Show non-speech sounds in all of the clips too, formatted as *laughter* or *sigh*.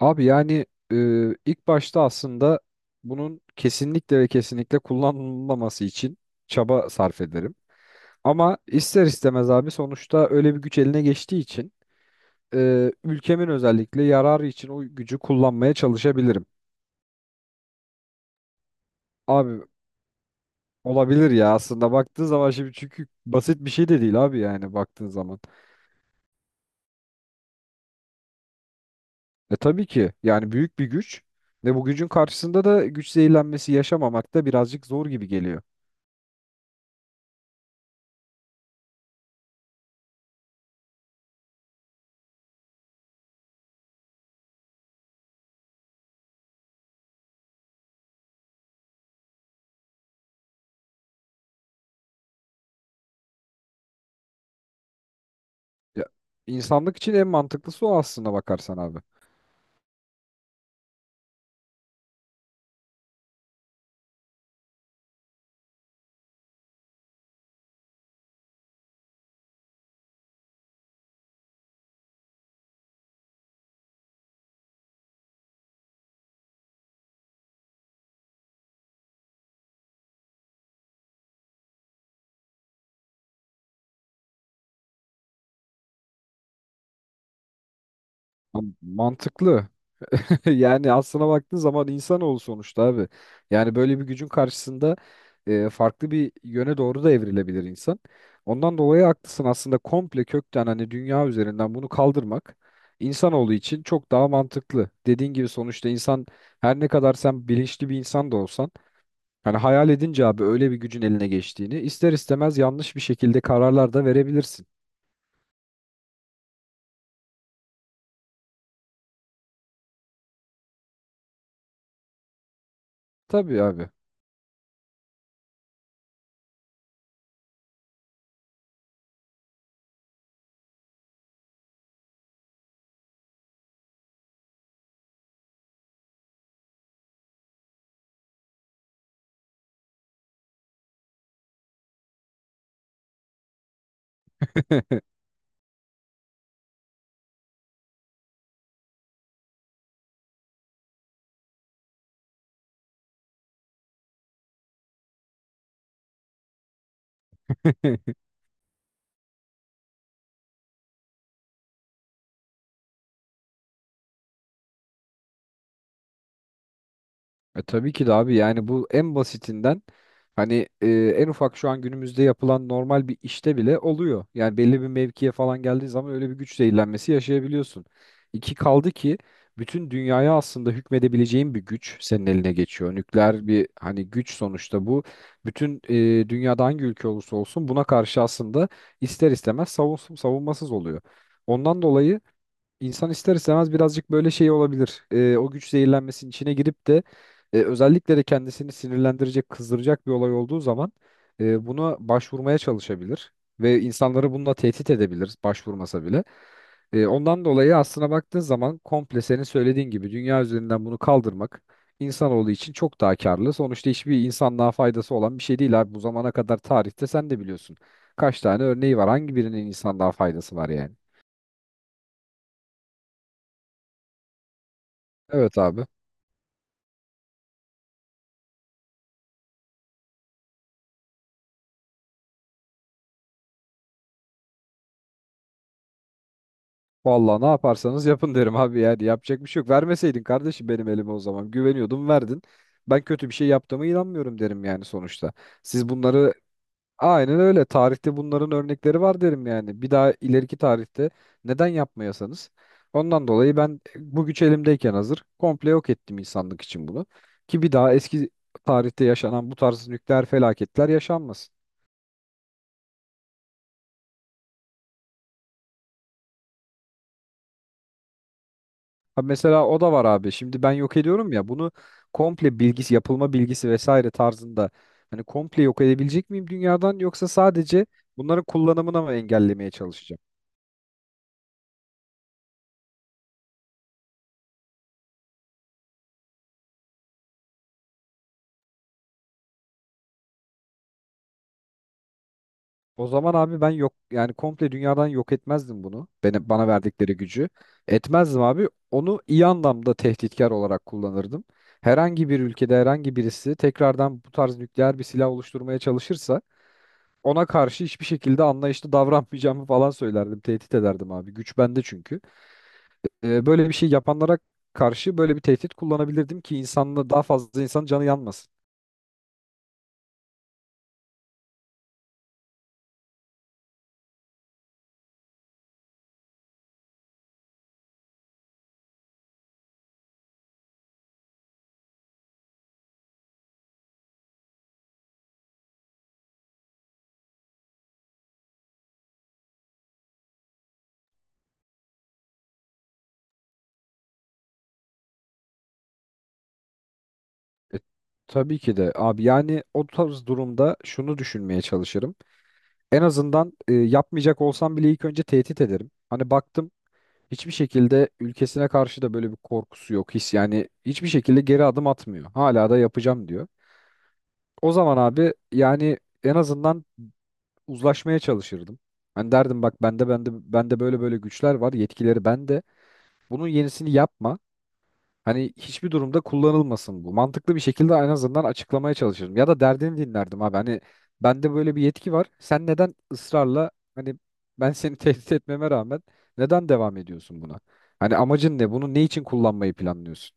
Abi yani e, ilk başta aslında bunun kesinlikle ve kesinlikle kullanılmaması için çaba sarf ederim. Ama ister istemez abi sonuçta öyle bir güç eline geçtiği için ülkemin özellikle yararı için o gücü kullanmaya çalışabilirim. Abi olabilir ya aslında baktığın zaman şimdi çünkü basit bir şey de değil abi yani baktığın zaman. E tabii ki yani büyük bir güç ve bu gücün karşısında da güç zehirlenmesi yaşamamak da birazcık zor gibi geliyor. Ya, insanlık için en mantıklısı o aslına bakarsan abi. Ama mantıklı. *laughs* Yani aslına baktığın zaman insanoğlu sonuçta abi. Yani böyle bir gücün karşısında farklı bir yöne doğru da evrilebilir insan. Ondan dolayı haklısın aslında komple kökten hani dünya üzerinden bunu kaldırmak insanoğlu için çok daha mantıklı. Dediğin gibi sonuçta insan her ne kadar sen bilinçli bir insan da olsan hani hayal edince abi öyle bir gücün eline geçtiğini ister istemez yanlış bir şekilde kararlar da verebilirsin. Tabii abi. *laughs* *laughs* Tabii ki de abi yani bu en basitinden hani en ufak şu an günümüzde yapılan normal bir işte bile oluyor. Yani belli bir mevkiye falan geldiği zaman öyle bir güç zehirlenmesi yaşayabiliyorsun. İki kaldı ki bütün dünyaya aslında hükmedebileceğin bir güç senin eline geçiyor. Nükleer bir hani güç sonuçta bu. Bütün dünyada hangi ülke olursa olsun buna karşı aslında ister istemez savunmasız oluyor. Ondan dolayı İnsan ister istemez birazcık böyle şey olabilir. O güç zehirlenmesinin içine girip de özellikle de kendisini sinirlendirecek, kızdıracak bir olay olduğu zaman buna başvurmaya çalışabilir ve insanları bununla tehdit edebilir başvurmasa bile. Ondan dolayı aslına baktığın zaman komple senin söylediğin gibi dünya üzerinden bunu kaldırmak insanoğlu için çok daha karlı. Sonuçta hiçbir insanlığa faydası olan bir şey değil abi. Bu zamana kadar tarihte sen de biliyorsun. Kaç tane örneği var? Hangi birinin insanlığa faydası var yani? Evet abi. Vallahi ne yaparsanız yapın derim abi yani yapacak bir şey yok. Vermeseydin kardeşim benim elime o zaman güveniyordum verdin. Ben kötü bir şey yaptığıma inanmıyorum derim yani sonuçta. Siz bunları aynen öyle tarihte bunların örnekleri var derim yani. Bir daha ileriki tarihte neden yapmayasanız. Ondan dolayı ben bu güç elimdeyken hazır komple yok ettim insanlık için bunu. Ki bir daha eski tarihte yaşanan bu tarz nükleer felaketler yaşanmasın. Ha mesela o da var abi. Şimdi ben yok ediyorum ya bunu komple bilgisi, yapılma bilgisi vesaire tarzında hani komple yok edebilecek miyim dünyadan yoksa sadece bunların kullanımına mı engellemeye çalışacağım? O zaman abi ben yok yani komple dünyadan yok etmezdim bunu. Beni, bana verdikleri gücü etmezdim abi. Onu iyi anlamda tehditkar olarak kullanırdım. Herhangi bir ülkede herhangi birisi tekrardan bu tarz nükleer bir silah oluşturmaya çalışırsa ona karşı hiçbir şekilde anlayışlı davranmayacağımı falan söylerdim. Tehdit ederdim abi. Güç bende çünkü. Böyle bir şey yapanlara karşı böyle bir tehdit kullanabilirdim ki insanla daha fazla insanın canı yanmasın. E, tabii ki de abi yani o tarz durumda şunu düşünmeye çalışırım. En azından yapmayacak olsam bile ilk önce tehdit ederim. Hani baktım hiçbir şekilde ülkesine karşı da böyle bir korkusu yok. His yani hiçbir şekilde geri adım atmıyor. Hala da yapacağım diyor. O zaman abi yani en azından uzlaşmaya çalışırdım. Ben derdim bak bende bende böyle böyle güçler var, yetkileri bende. Bunun yenisini yapma. Hani hiçbir durumda kullanılmasın bu. Mantıklı bir şekilde en azından açıklamaya çalışırdım. Ya da derdini dinlerdim abi. Hani bende böyle bir yetki var. Sen neden ısrarla hani ben seni *laughs* tehdit etmeme rağmen neden devam ediyorsun buna? Hani amacın ne? Bunu ne için kullanmayı planlıyorsun?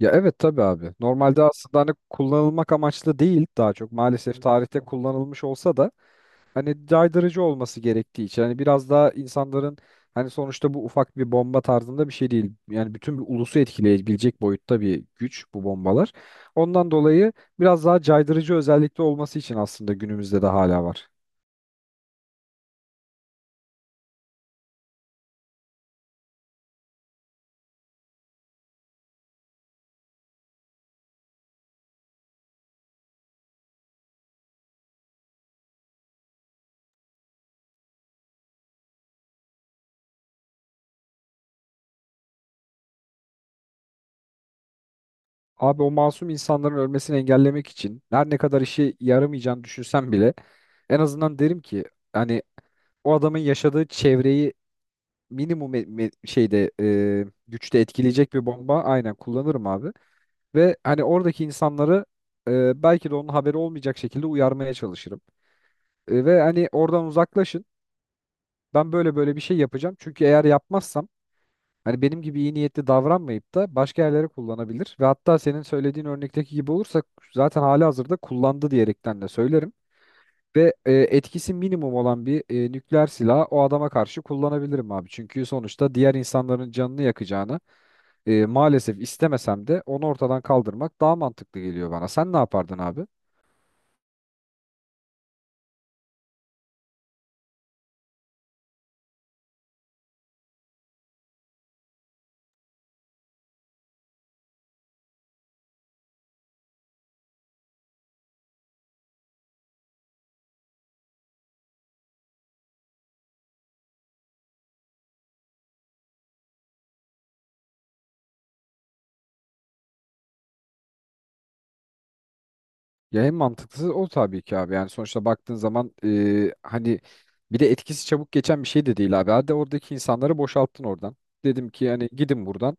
Ya evet tabii abi. Normalde aslında hani kullanılmak amaçlı değil daha çok. Maalesef tarihte kullanılmış olsa da hani caydırıcı olması gerektiği için hani biraz daha insanların hani sonuçta bu ufak bir bomba tarzında bir şey değil. Yani bütün bir ulusu etkileyebilecek boyutta bir güç bu bombalar. Ondan dolayı biraz daha caydırıcı özellikte olması için aslında günümüzde de hala var. Abi o masum insanların ölmesini engellemek için her ne kadar işe yaramayacağını düşünsem bile en azından derim ki hani o adamın yaşadığı çevreyi minimum şeyde güçte etkileyecek bir bomba aynen kullanırım abi. Ve hani oradaki insanları belki de onun haberi olmayacak şekilde uyarmaya çalışırım. Ve hani oradan uzaklaşın. Ben böyle böyle bir şey yapacağım. Çünkü eğer yapmazsam hani benim gibi iyi niyetli davranmayıp da başka yerlere kullanabilir. Ve hatta senin söylediğin örnekteki gibi olursa zaten hali hazırda kullandı diyerekten de söylerim. Ve etkisi minimum olan bir nükleer silahı o adama karşı kullanabilirim abi. Çünkü sonuçta diğer insanların canını yakacağını maalesef istemesem de onu ortadan kaldırmak daha mantıklı geliyor bana. Sen ne yapardın abi? Ya en mantıklısı o tabii ki abi. Yani sonuçta baktığın zaman hani bir de etkisi çabuk geçen bir şey de değil abi. Hadi oradaki insanları boşalttın oradan. Dedim ki hani gidin buradan.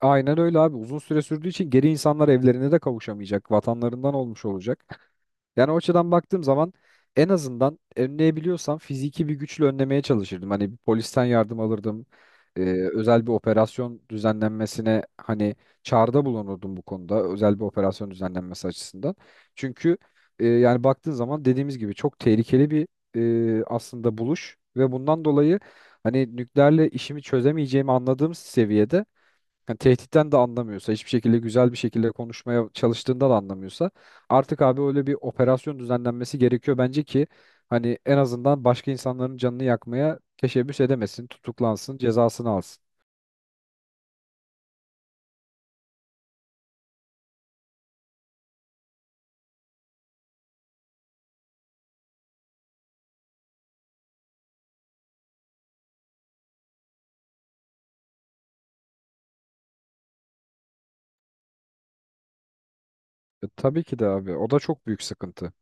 Aynen öyle abi. Uzun süre sürdüğü için geri insanlar evlerine de kavuşamayacak. Vatanlarından olmuş olacak. Yani o açıdan baktığım zaman en azından önleyebiliyorsam fiziki bir güçle önlemeye çalışırdım. Hani bir polisten yardım alırdım. Ee, Özel bir operasyon düzenlenmesine hani çağrıda bulunurdum bu konuda. Özel bir operasyon düzenlenmesi açısından. Çünkü yani baktığın zaman dediğimiz gibi çok tehlikeli bir aslında buluş ve bundan dolayı hani nükleerle işimi çözemeyeceğimi anladığım seviyede yani tehditten de anlamıyorsa, hiçbir şekilde güzel bir şekilde konuşmaya çalıştığında da anlamıyorsa artık abi öyle bir operasyon düzenlenmesi gerekiyor bence ki hani en azından başka insanların canını yakmaya teşebbüs edemesin, tutuklansın, cezasını alsın. Tabii ki de abi. O da çok büyük sıkıntı.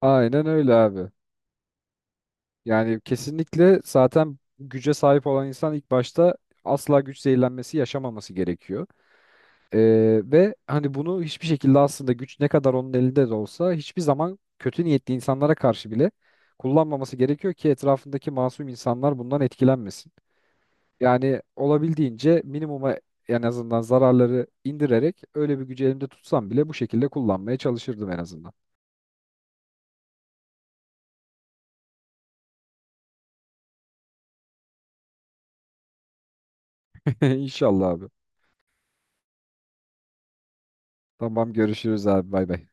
Aynen öyle abi. Yani kesinlikle zaten güce sahip olan insan ilk başta asla güç zehirlenmesi yaşamaması gerekiyor. Ve hani bunu hiçbir şekilde aslında güç ne kadar onun elinde de olsa hiçbir zaman kötü niyetli insanlara karşı bile kullanmaması gerekiyor ki etrafındaki masum insanlar bundan etkilenmesin. Yani olabildiğince minimuma en azından zararları indirerek öyle bir gücü elimde tutsam bile bu şekilde kullanmaya çalışırdım en azından. *laughs* İnşallah abi. Tamam görüşürüz abi bay bay.